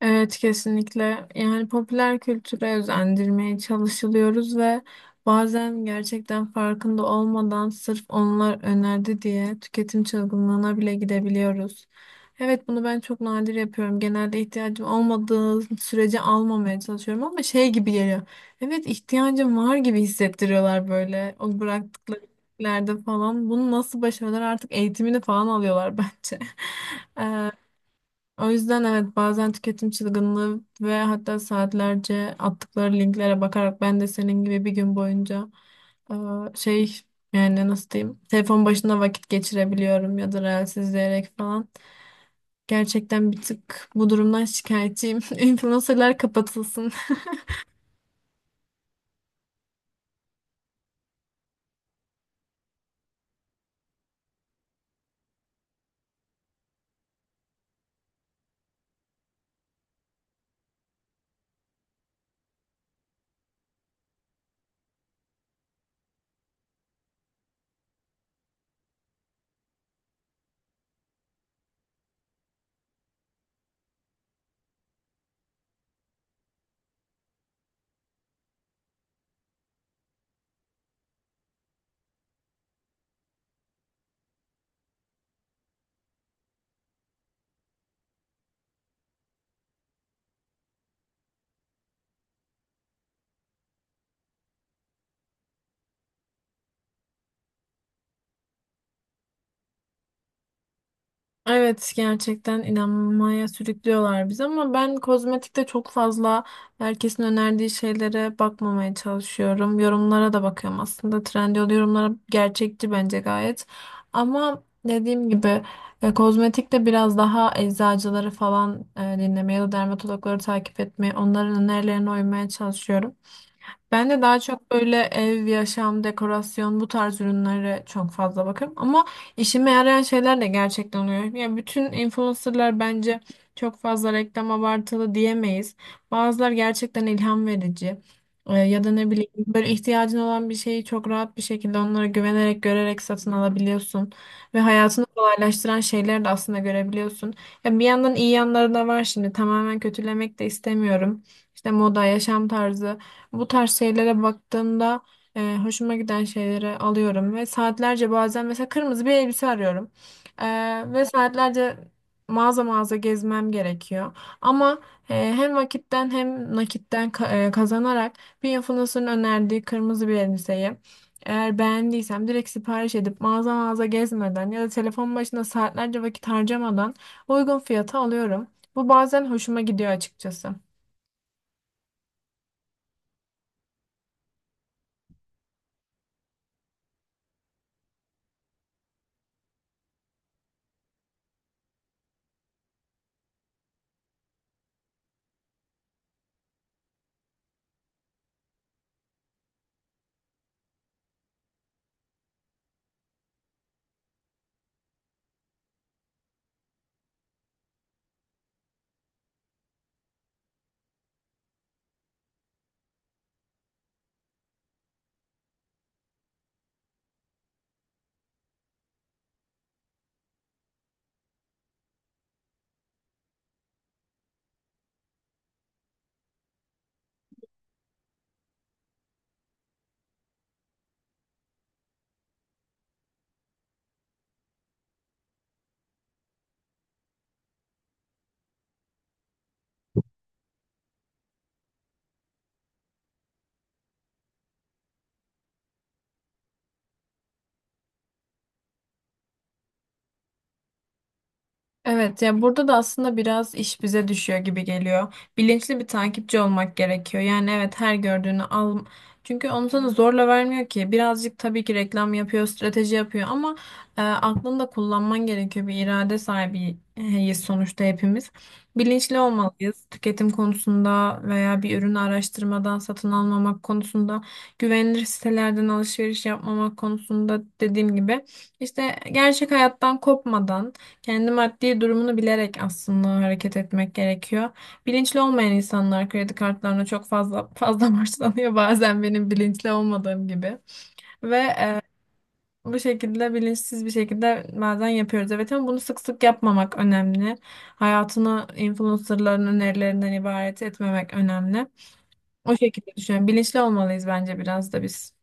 Evet kesinlikle. Yani popüler kültüre özendirmeye çalışılıyoruz ve bazen gerçekten farkında olmadan sırf onlar önerdi diye tüketim çılgınlığına bile gidebiliyoruz. Evet bunu ben çok nadir yapıyorum. Genelde ihtiyacım olmadığı sürece almamaya çalışıyorum ama şey gibi geliyor. Evet ihtiyacım var gibi hissettiriyorlar böyle o bıraktıkları şeylerde falan. Bunu nasıl başarıyorlar artık eğitimini falan alıyorlar bence. O yüzden evet bazen tüketim çılgınlığı ve hatta saatlerce attıkları linklere bakarak ben de senin gibi bir gün boyunca e, şey yani nasıl diyeyim telefon başında vakit geçirebiliyorum ya da reels izleyerek falan. Gerçekten bir tık bu durumdan şikayetçiyim. Influencerlar kapatılsın. Evet gerçekten inanmaya sürüklüyorlar bizi ama ben kozmetikte çok fazla herkesin önerdiği şeylere bakmamaya çalışıyorum. Yorumlara da bakıyorum aslında. Trendyol yorumlara gerçekçi bence gayet. Ama dediğim gibi kozmetikte biraz daha eczacıları falan dinlemeye ya da dermatologları takip etmeye, onların önerilerine uymaya çalışıyorum. Ben de daha çok böyle ev, yaşam, dekorasyon bu tarz ürünlere çok fazla bakarım. Ama işime yarayan şeyler de gerçekten oluyor. Ya bütün influencerlar bence çok fazla reklam abartılı diyemeyiz. Bazılar gerçekten ilham verici. Ya da ne bileyim böyle ihtiyacın olan bir şeyi çok rahat bir şekilde onlara güvenerek, görerek satın alabiliyorsun. Ve hayatını kolaylaştıran şeyleri de aslında görebiliyorsun. Ya bir yandan iyi yanları da var şimdi. Tamamen kötülemek de istemiyorum. İşte moda, yaşam tarzı. Bu tarz şeylere baktığımda hoşuma giden şeyleri alıyorum ve saatlerce bazen mesela kırmızı bir elbise arıyorum. E, Ve saatlerce mağaza mağaza gezmem gerekiyor. Ama hem vakitten hem nakitten kazanarak bir influencer'ın önerdiği kırmızı bir elbiseyi eğer beğendiysem direkt sipariş edip mağaza mağaza gezmeden ya da telefon başında saatlerce vakit harcamadan uygun fiyata alıyorum. Bu bazen hoşuma gidiyor açıkçası. Evet, ya burada da aslında biraz iş bize düşüyor gibi geliyor. Bilinçli bir takipçi olmak gerekiyor. Yani evet her gördüğünü al. Çünkü onu sana zorla vermiyor ki. Birazcık tabii ki reklam yapıyor, strateji yapıyor ama aklını da kullanman gerekiyor. Bir irade sahibiyiz sonuçta hepimiz. Bilinçli olmalıyız. Tüketim konusunda veya bir ürünü araştırmadan satın almamak konusunda, güvenilir sitelerden alışveriş yapmamak konusunda dediğim gibi işte gerçek hayattan kopmadan kendi maddi durumunu bilerek aslında hareket etmek gerekiyor. Bilinçli olmayan insanlar kredi kartlarına çok fazla borçlanıyor bazen benim bilinçli olmadığım gibi. Ve e, Bu şekilde bilinçsiz bir şekilde bazen yapıyoruz. Evet ama bunu sık sık yapmamak önemli. Hayatını influencerların önerilerinden ibaret etmemek önemli. O şekilde düşünüyorum. Bilinçli olmalıyız bence biraz da biz.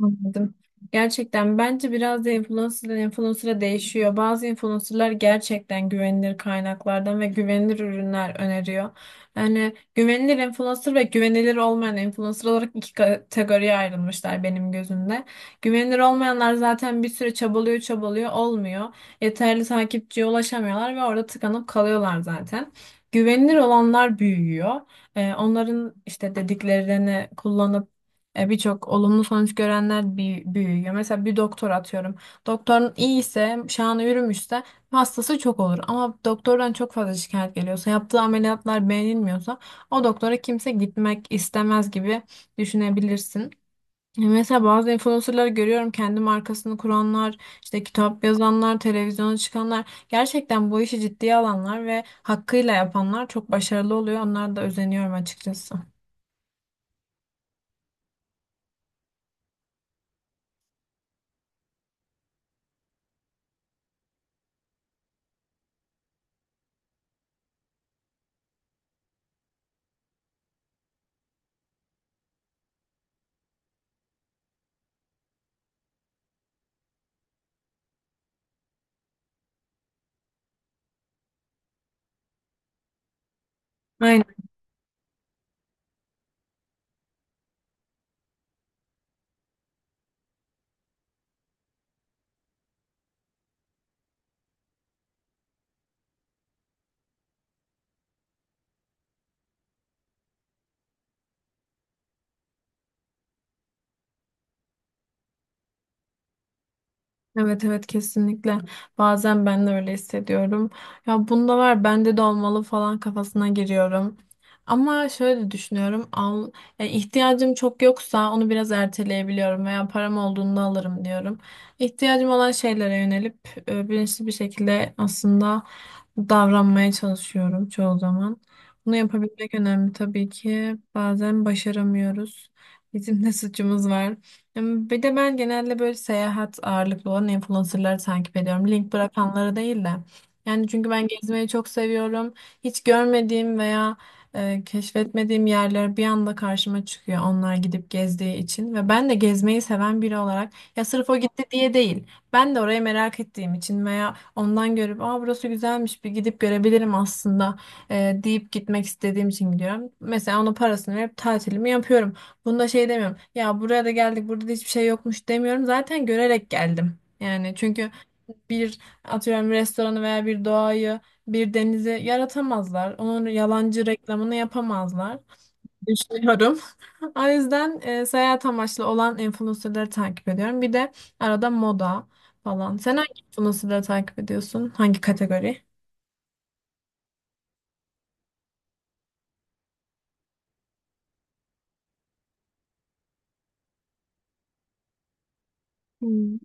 Anladım. Gerçekten bence biraz da influencer'dan influencer'a değişiyor. Bazı influencer'lar gerçekten güvenilir kaynaklardan ve güvenilir ürünler öneriyor. Yani güvenilir influencer ve güvenilir olmayan influencer olarak iki kategoriye ayrılmışlar benim gözümde. Güvenilir olmayanlar zaten bir süre çabalıyor olmuyor. Yeterli takipçiye ulaşamıyorlar ve orada tıkanıp kalıyorlar zaten. Güvenilir olanlar büyüyor. Onların işte dediklerini kullanıp birçok olumlu sonuç görenler büyüyor. Mesela bir doktor atıyorum. Doktorun iyi ise, şanı yürümüşse hastası çok olur. Ama doktordan çok fazla şikayet geliyorsa, yaptığı ameliyatlar beğenilmiyorsa o doktora kimse gitmek istemez gibi düşünebilirsin. Mesela bazı influencerları görüyorum kendi markasını kuranlar, işte kitap yazanlar, televizyona çıkanlar gerçekten bu işi ciddiye alanlar ve hakkıyla yapanlar çok başarılı oluyor. Onlara da özeniyorum açıkçası. Evet, evet, kesinlikle. Bazen ben de öyle hissediyorum. Ya bunda var bende de olmalı falan kafasına giriyorum. Ama şöyle düşünüyorum. Al, yani ihtiyacım çok yoksa onu biraz erteleyebiliyorum veya param olduğunda alırım diyorum. İhtiyacım olan şeylere yönelip bilinçli bir şekilde aslında davranmaya çalışıyorum çoğu zaman. Bunu yapabilmek önemli tabii ki. Bazen başaramıyoruz. Bizim de suçumuz var. Bir de ben genelde böyle seyahat ağırlıklı olan influencerları takip ediyorum. Link bırakanları değil de. Yani çünkü ben gezmeyi çok seviyorum. Hiç görmediğim veya keşfetmediğim yerler bir anda karşıma çıkıyor onlar gidip gezdiği için. Ve ben de gezmeyi seven biri olarak ya sırf o gitti diye değil. Ben de orayı merak ettiğim için veya ondan görüp aa burası güzelmiş bir gidip görebilirim aslında deyip gitmek istediğim için gidiyorum. Mesela onun parasını verip tatilimi yapıyorum. Bunda şey demiyorum. Ya buraya da geldik, burada da hiçbir şey yokmuş demiyorum. Zaten görerek geldim. Yani çünkü bir atıyorum restoranı veya bir doğayı, bir denizi yaratamazlar. Onun yalancı reklamını yapamazlar. Düşünüyorum. O yüzden seyahat amaçlı olan influencerları takip ediyorum. Bir de arada moda falan. Sen hangi influencerları takip ediyorsun? Hangi kategori? Hmm.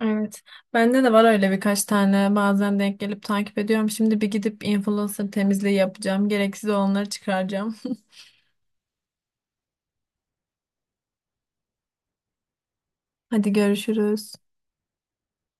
Evet. Bende de var öyle birkaç tane bazen denk gelip takip ediyorum. Şimdi bir gidip influencer temizliği yapacağım. Gereksiz olanları çıkaracağım. Hadi görüşürüz.